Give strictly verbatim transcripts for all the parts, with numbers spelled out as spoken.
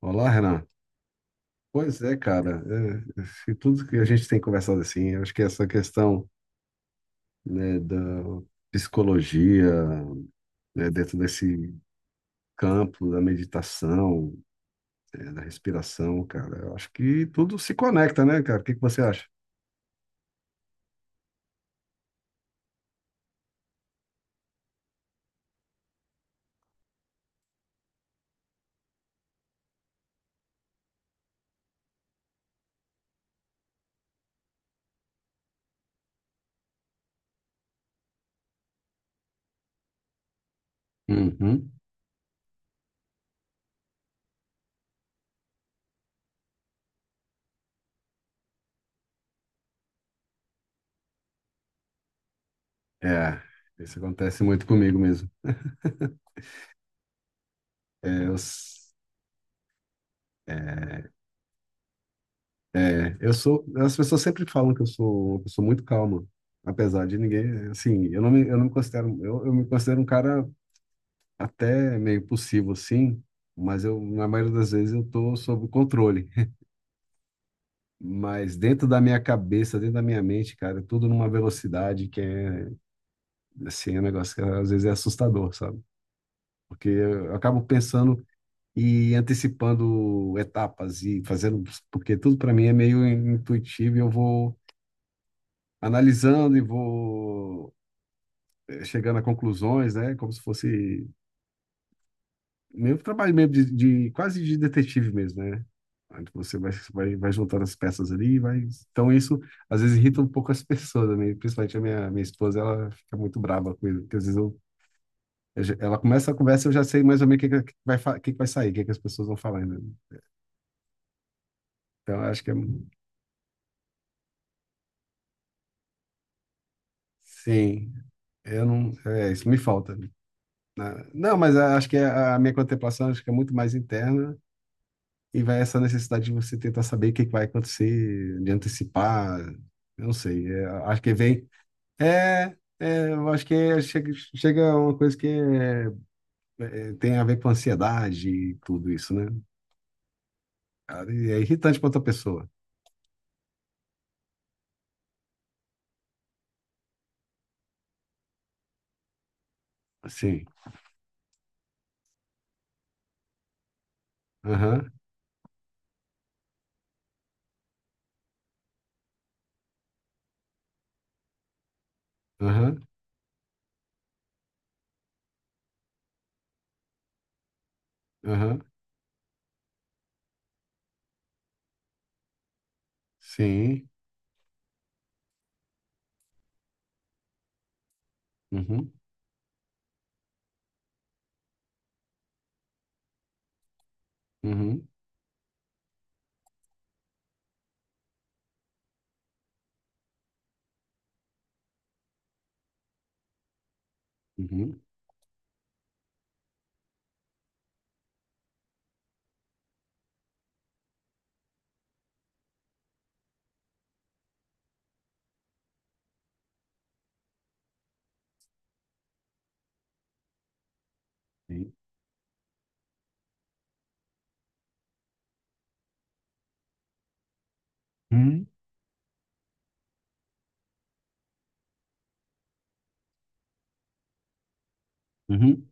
Olá, Renan. Pois é, cara. É, se tudo que a gente tem conversado assim, eu acho que essa questão, né, da psicologia, né, dentro desse campo da meditação, é, da respiração, cara, eu acho que tudo se conecta, né, cara? O que que você acha? Uhum. É, isso acontece muito comigo mesmo. É, eu, s- é, é, Eu sou. As pessoas sempre falam que eu sou uma pessoa muito calma, apesar de ninguém. Assim, eu não me, eu não me considero. Eu, eu me considero um cara. Até meio possível, sim, mas eu, na maioria das vezes, eu tô sob controle. Mas dentro da minha cabeça, dentro da minha mente, cara, é tudo numa velocidade que é, assim, é um negócio que às vezes é assustador, sabe? Porque eu acabo pensando e antecipando etapas e fazendo, porque tudo para mim é meio intuitivo e eu vou analisando e vou eh, chegando a conclusões, né? Como se fosse meio trabalho mesmo de, de- quase de detetive mesmo, né? Aí você vai, vai, vai juntando as peças ali, e vai. Então isso às vezes irrita um pouco as pessoas, né? Principalmente a minha, minha esposa, ela fica muito brava com isso, porque às vezes eu, eu já- ela começa a conversa e eu já sei mais ou menos o que, que vai, fa- o que que vai sair, o que que as pessoas vão falar, né? Então eu acho que é, sim, eu não, é, isso me falta, né? Não, mas eu acho que a a minha contemplação acho que é muito mais interna. E vai essa necessidade de você tentar saber o que que vai acontecer, de antecipar, eu não sei, é, acho que vem. É, é, eu acho que é- chega, chega uma coisa que é- é, tem a ver com ansiedade e tudo isso, né? Cara, e é irritante para outra pessoa. Sim. Aham, aham, aham. Sim. Uhum, uhum, uhum. Sim. Uhum, uhum,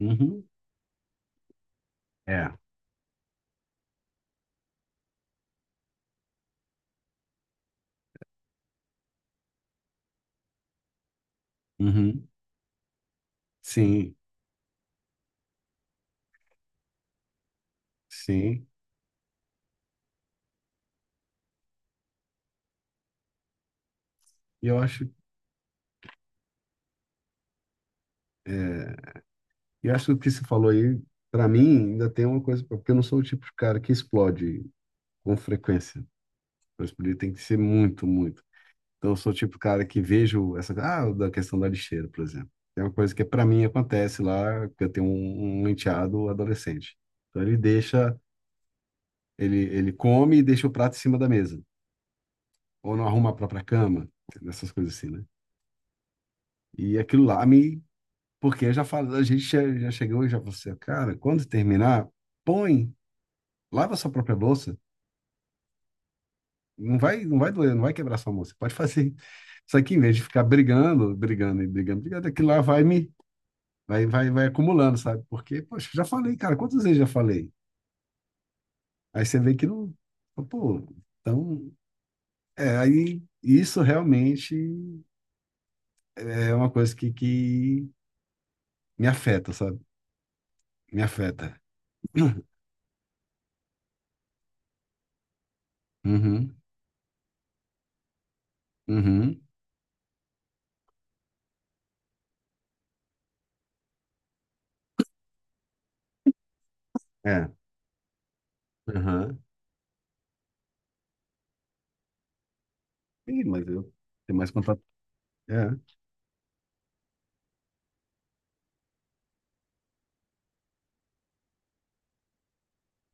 uhum. É. Uhum. Sim, sim. E eu acho. É, e eu acho que o que você falou aí, para mim, ainda tem uma coisa, porque eu não sou o tipo de cara que explode com frequência. Para explodir tem que ser muito, muito. Então, eu sou o tipo de cara que vejo essa, ah, da questão da lixeira, por exemplo. É uma coisa que para mim acontece lá, porque eu tenho um, um enteado adolescente. Então, ele deixa, ele, ele come e deixa o prato em cima da mesa. Ou não arruma a própria cama, essas coisas assim, né? E aquilo lá me. Porque eu já falo, a gente já já chegou e já falou assim, cara, quando terminar, põe, lava a sua própria bolsa. Não vai, não vai doer, não vai quebrar sua mão. Você pode fazer isso aqui em vez de ficar brigando, brigando e brigando, brigando, aquilo lá vai me vai, vai, vai acumulando, sabe? Porque, poxa, já falei, cara, quantas vezes já falei? Aí você vê que não, pô, então, é, aí isso realmente é uma coisa que, que me afeta, sabe? Me afeta. Uhum, uhum, é, uhum. Sim, mas eu tenho mais contato. É,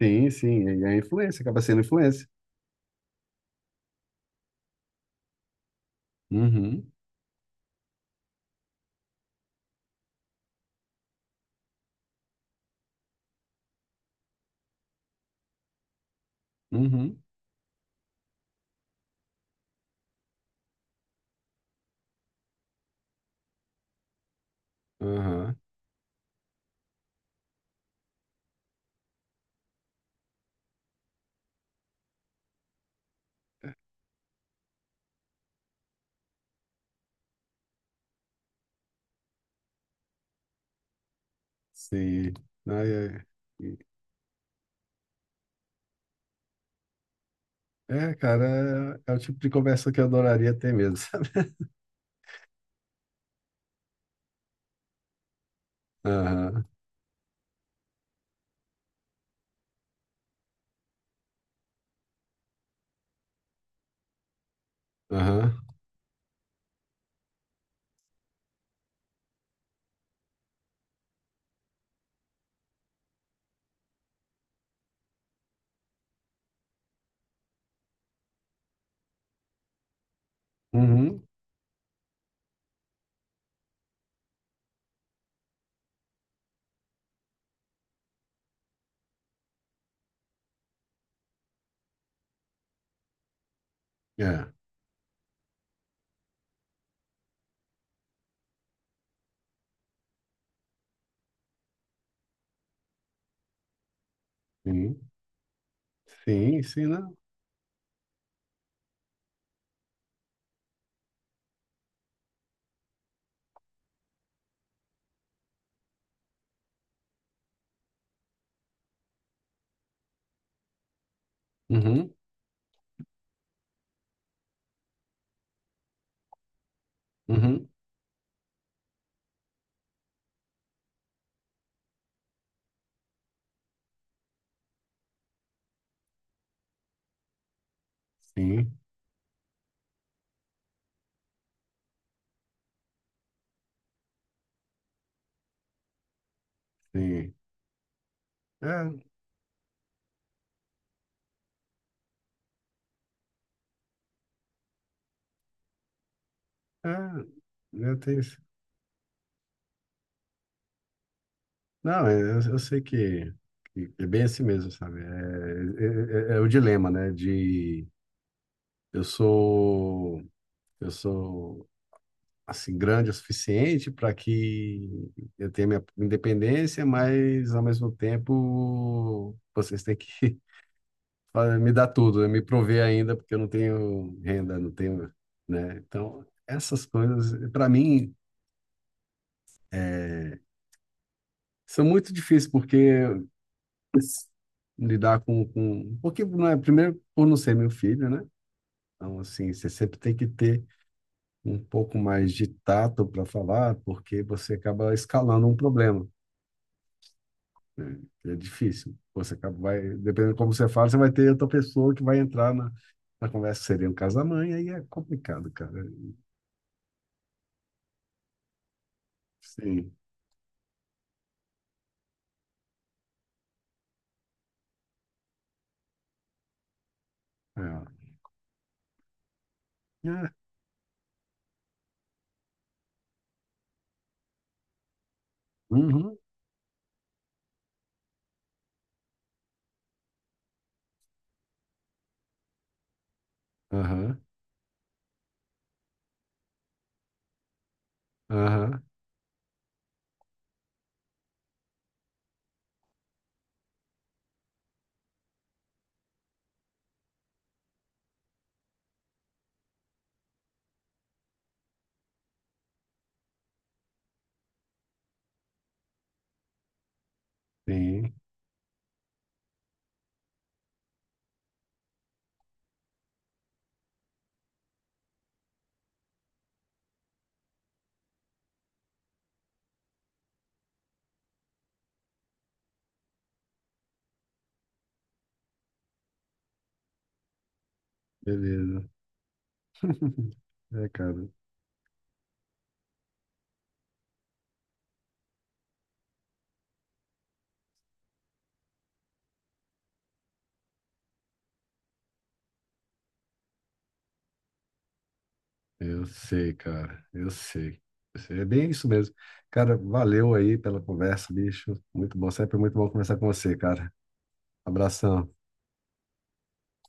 sim, sim, e a influência, acaba sendo influência. Uhum, uhum, aham. Sim. Ai, ai. É, cara, é, é o tipo de conversa que eu adoraria ter mesmo, sabe? Aham, aham, uhum, é, sim, sim, sim, não, uhum, uhum, sim, sim, é, é, eu tenho, isso. Não, é, eu, eu sei que, que é bem assim mesmo, sabe? É, é, é- é o dilema, né, de eu sou, eu sou assim grande o suficiente para que eu tenha minha independência, mas ao mesmo tempo vocês têm que fa- me dar tudo, né? Me prover ainda, porque eu não tenho renda, não tenho, né? Então, essas coisas, para mim, é, são muito difíceis, porque s- lidar com, com... Porque, não é, primeiro, por não ser meu filho, né? Então, assim, você sempre tem que ter um pouco mais de tato para falar, porque você acaba escalando um problema. É difícil. Você acaba- vai, dependendo de como você fala, você vai ter outra pessoa que vai entrar na, na conversa, que seria no caso da mãe, aí é complicado, cara. Sim. É. É. Uhum. Aham. Aham. Sim. Beleza. É, cara. Eu sei, cara. Eu sei. Eu sei. É bem isso mesmo. Cara, valeu aí pela conversa, bicho. Muito bom. Sempre muito bom conversar com você, cara. Abração.